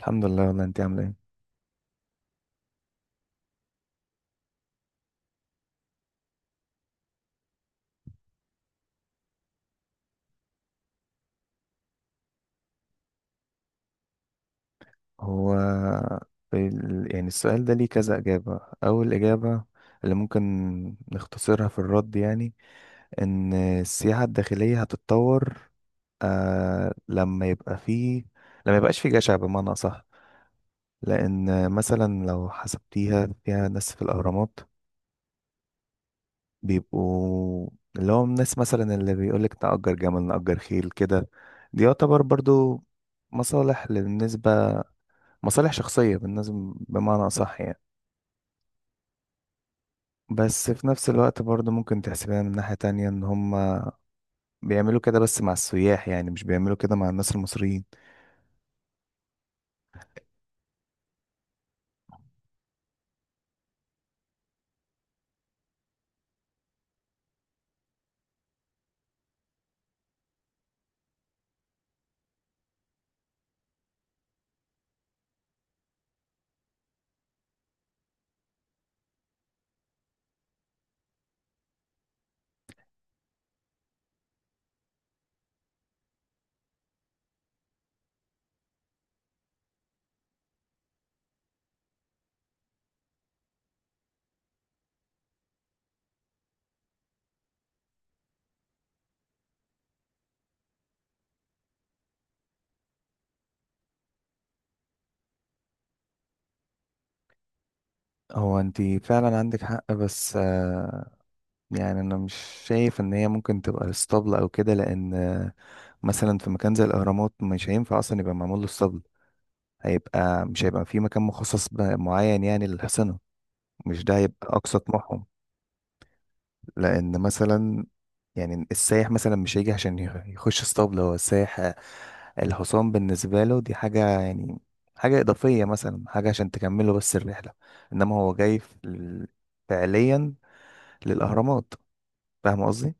الحمد لله، والله انت عامله ايه؟ هو يعني السؤال ده ليه كذا اجابه. اول اجابه اللي ممكن نختصرها في الرد يعني ان السياحه الداخليه هتتطور، لما يبقى فيه لما يبقاش فيه جشع بمعنى اصح. لان مثلا لو حسبتيها فيها ناس في الاهرامات بيبقوا، اللي هو الناس مثلا اللي بيقولك نأجر جمل، نأجر خيل كده، دي يعتبر برضو مصالح بالنسبة مصالح شخصية بالنسبة، بمعنى صح يعني. بس في نفس الوقت برضه ممكن تحسبها من ناحية تانية ان هم بيعملوا كده بس مع السياح، يعني مش بيعملوا كده مع الناس المصريين. هو انت فعلا عندك حق، بس يعني انا مش شايف ان هي ممكن تبقى اسطبل او كده، لان مثلا في مكان زي الاهرامات مش هينفع اصلا يبقى معمول له اسطبل. مش هيبقى في مكان مخصص معين يعني للحصنة. مش ده هيبقى اقصى طموحهم. لان مثلا يعني السايح مثلا مش هيجي عشان يخش اسطبل. هو السايح الحصان بالنسبه له دي حاجه يعني، حاجه اضافيه مثلا، حاجه عشان تكمله بس الرحله. انما هو جاي فعليا للاهرامات. فاهم قصدي؟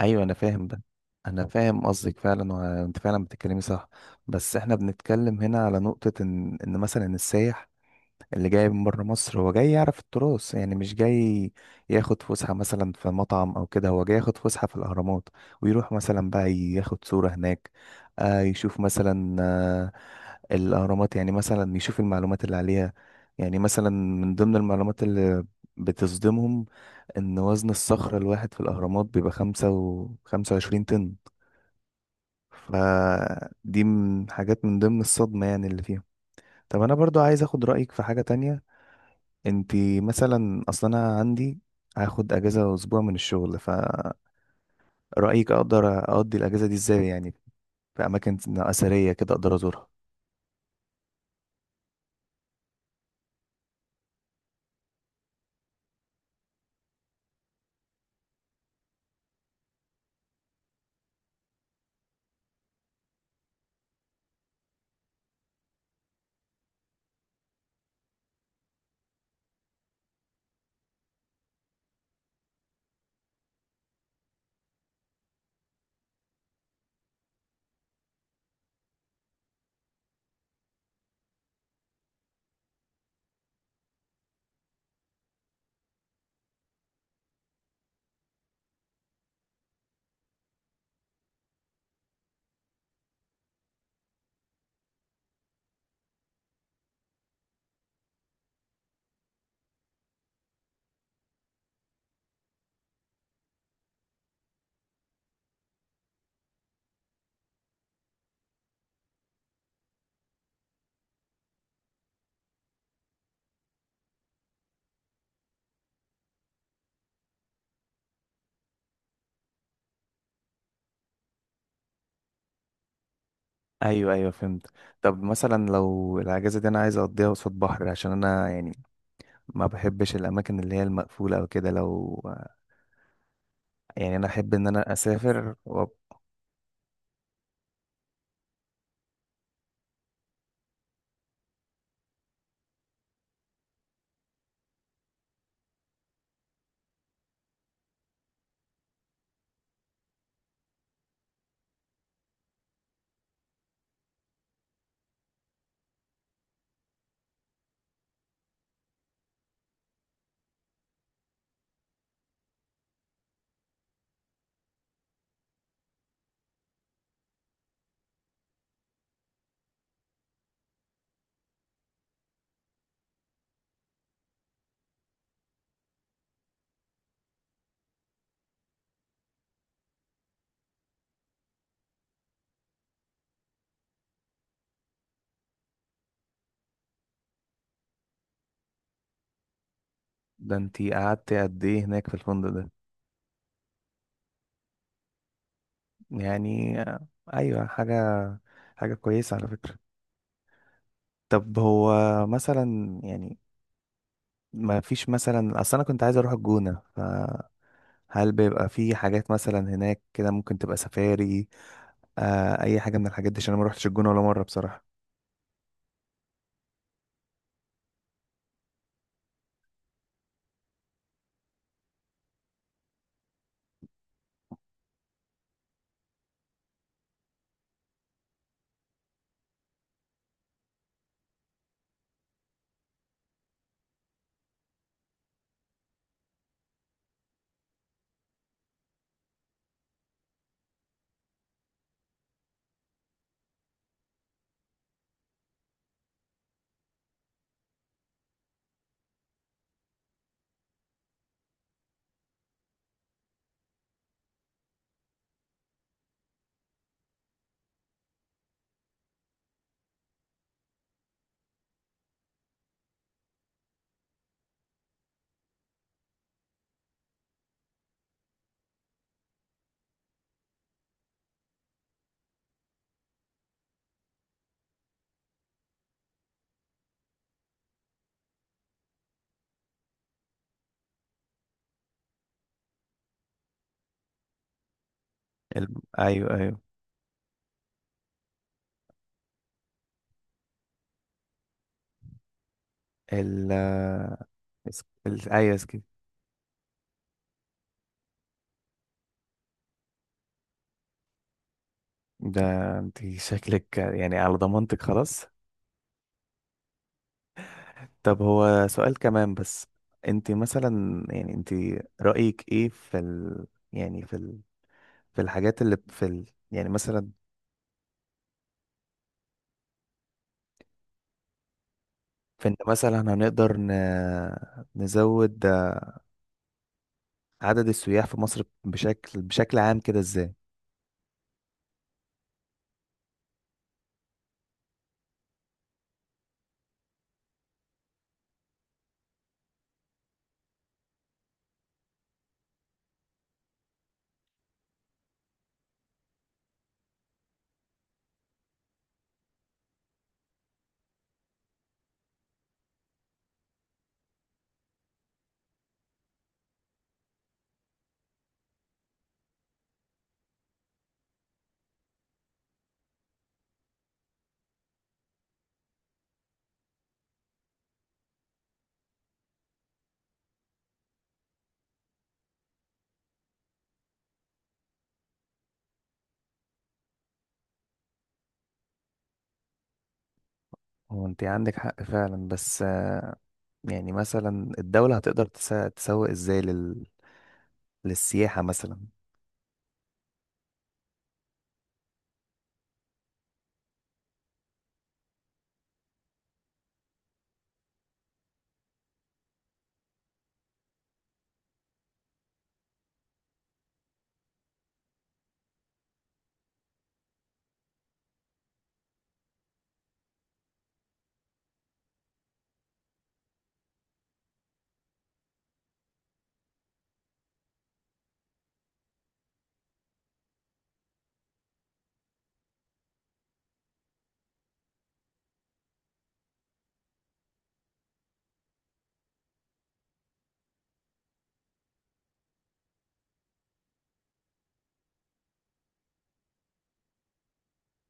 ايوه، انا فاهم ده. انا فاهم قصدك فعلا، وانت فعلا بتتكلمي صح. بس احنا بنتكلم هنا على نقطه ان مثلا السايح اللي جاي من بره مصر هو جاي يعرف التراث يعني، مش جاي ياخد فسحة مثلا في مطعم أو كده. هو جاي ياخد فسحة في الأهرامات، ويروح مثلا بقى ياخد صورة هناك. يشوف مثلا الأهرامات، يعني مثلا يشوف المعلومات اللي عليها. يعني مثلا من ضمن المعلومات اللي بتصدمهم إن وزن الصخرة الواحد في الأهرامات بيبقى خمسة وخمسة وعشرين طن. فدي من حاجات من ضمن الصدمة يعني اللي فيها. طب أنا برضو عايز أخد رأيك في حاجة تانية. انتي مثلا، اصلا انا عندي هاخد اجازه اسبوع من الشغل، فرايك اقدر اقضي الاجازه دي ازاي يعني؟ في اماكن اثريه كده اقدر ازورها؟ ايوه، ايوه، فهمت. طب مثلا لو الاجازه دي انا عايز اقضيها قصاد بحر عشان انا يعني ما بحبش الاماكن اللي هي المقفوله او كده، لو يعني انا احب ان انا اسافر. ده انتي قعدت قد ايه هناك في الفندق ده؟ يعني ايوه، حاجه كويسه على فكره. طب هو مثلا يعني ما فيش مثلا، اصل انا كنت عايز اروح الجونة، فهل بيبقى في حاجات مثلا هناك كده ممكن تبقى سفاري؟ اي حاجة من الحاجات دي، عشان انا ما روحتش الجونة ولا مرة بصراحة. ال... ايوه، ايوه. ال آه، اس- ال ايوه اسكي. ده انت شكلك يعني على ضمانتك خلاص. طب هو سؤال كمان بس. انت مثلا يعني، انت رأيك ايه يعني في الحاجات اللي يعني مثلا في ان مثلا هنقدر نزود عدد السياح في مصر بشكل عام كده ازاي؟ هو انت عندك حق فعلا، بس يعني مثلا الدولة هتقدر تسوق ازاي للسياحة مثلا؟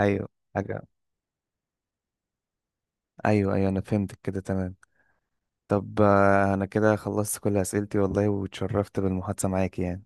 ايوه حاجة، ايوه، ايوه، انا فهمتك كده تمام. طب انا كده خلصت كل اسئلتي والله، واتشرفت بالمحادثة معاك يعني.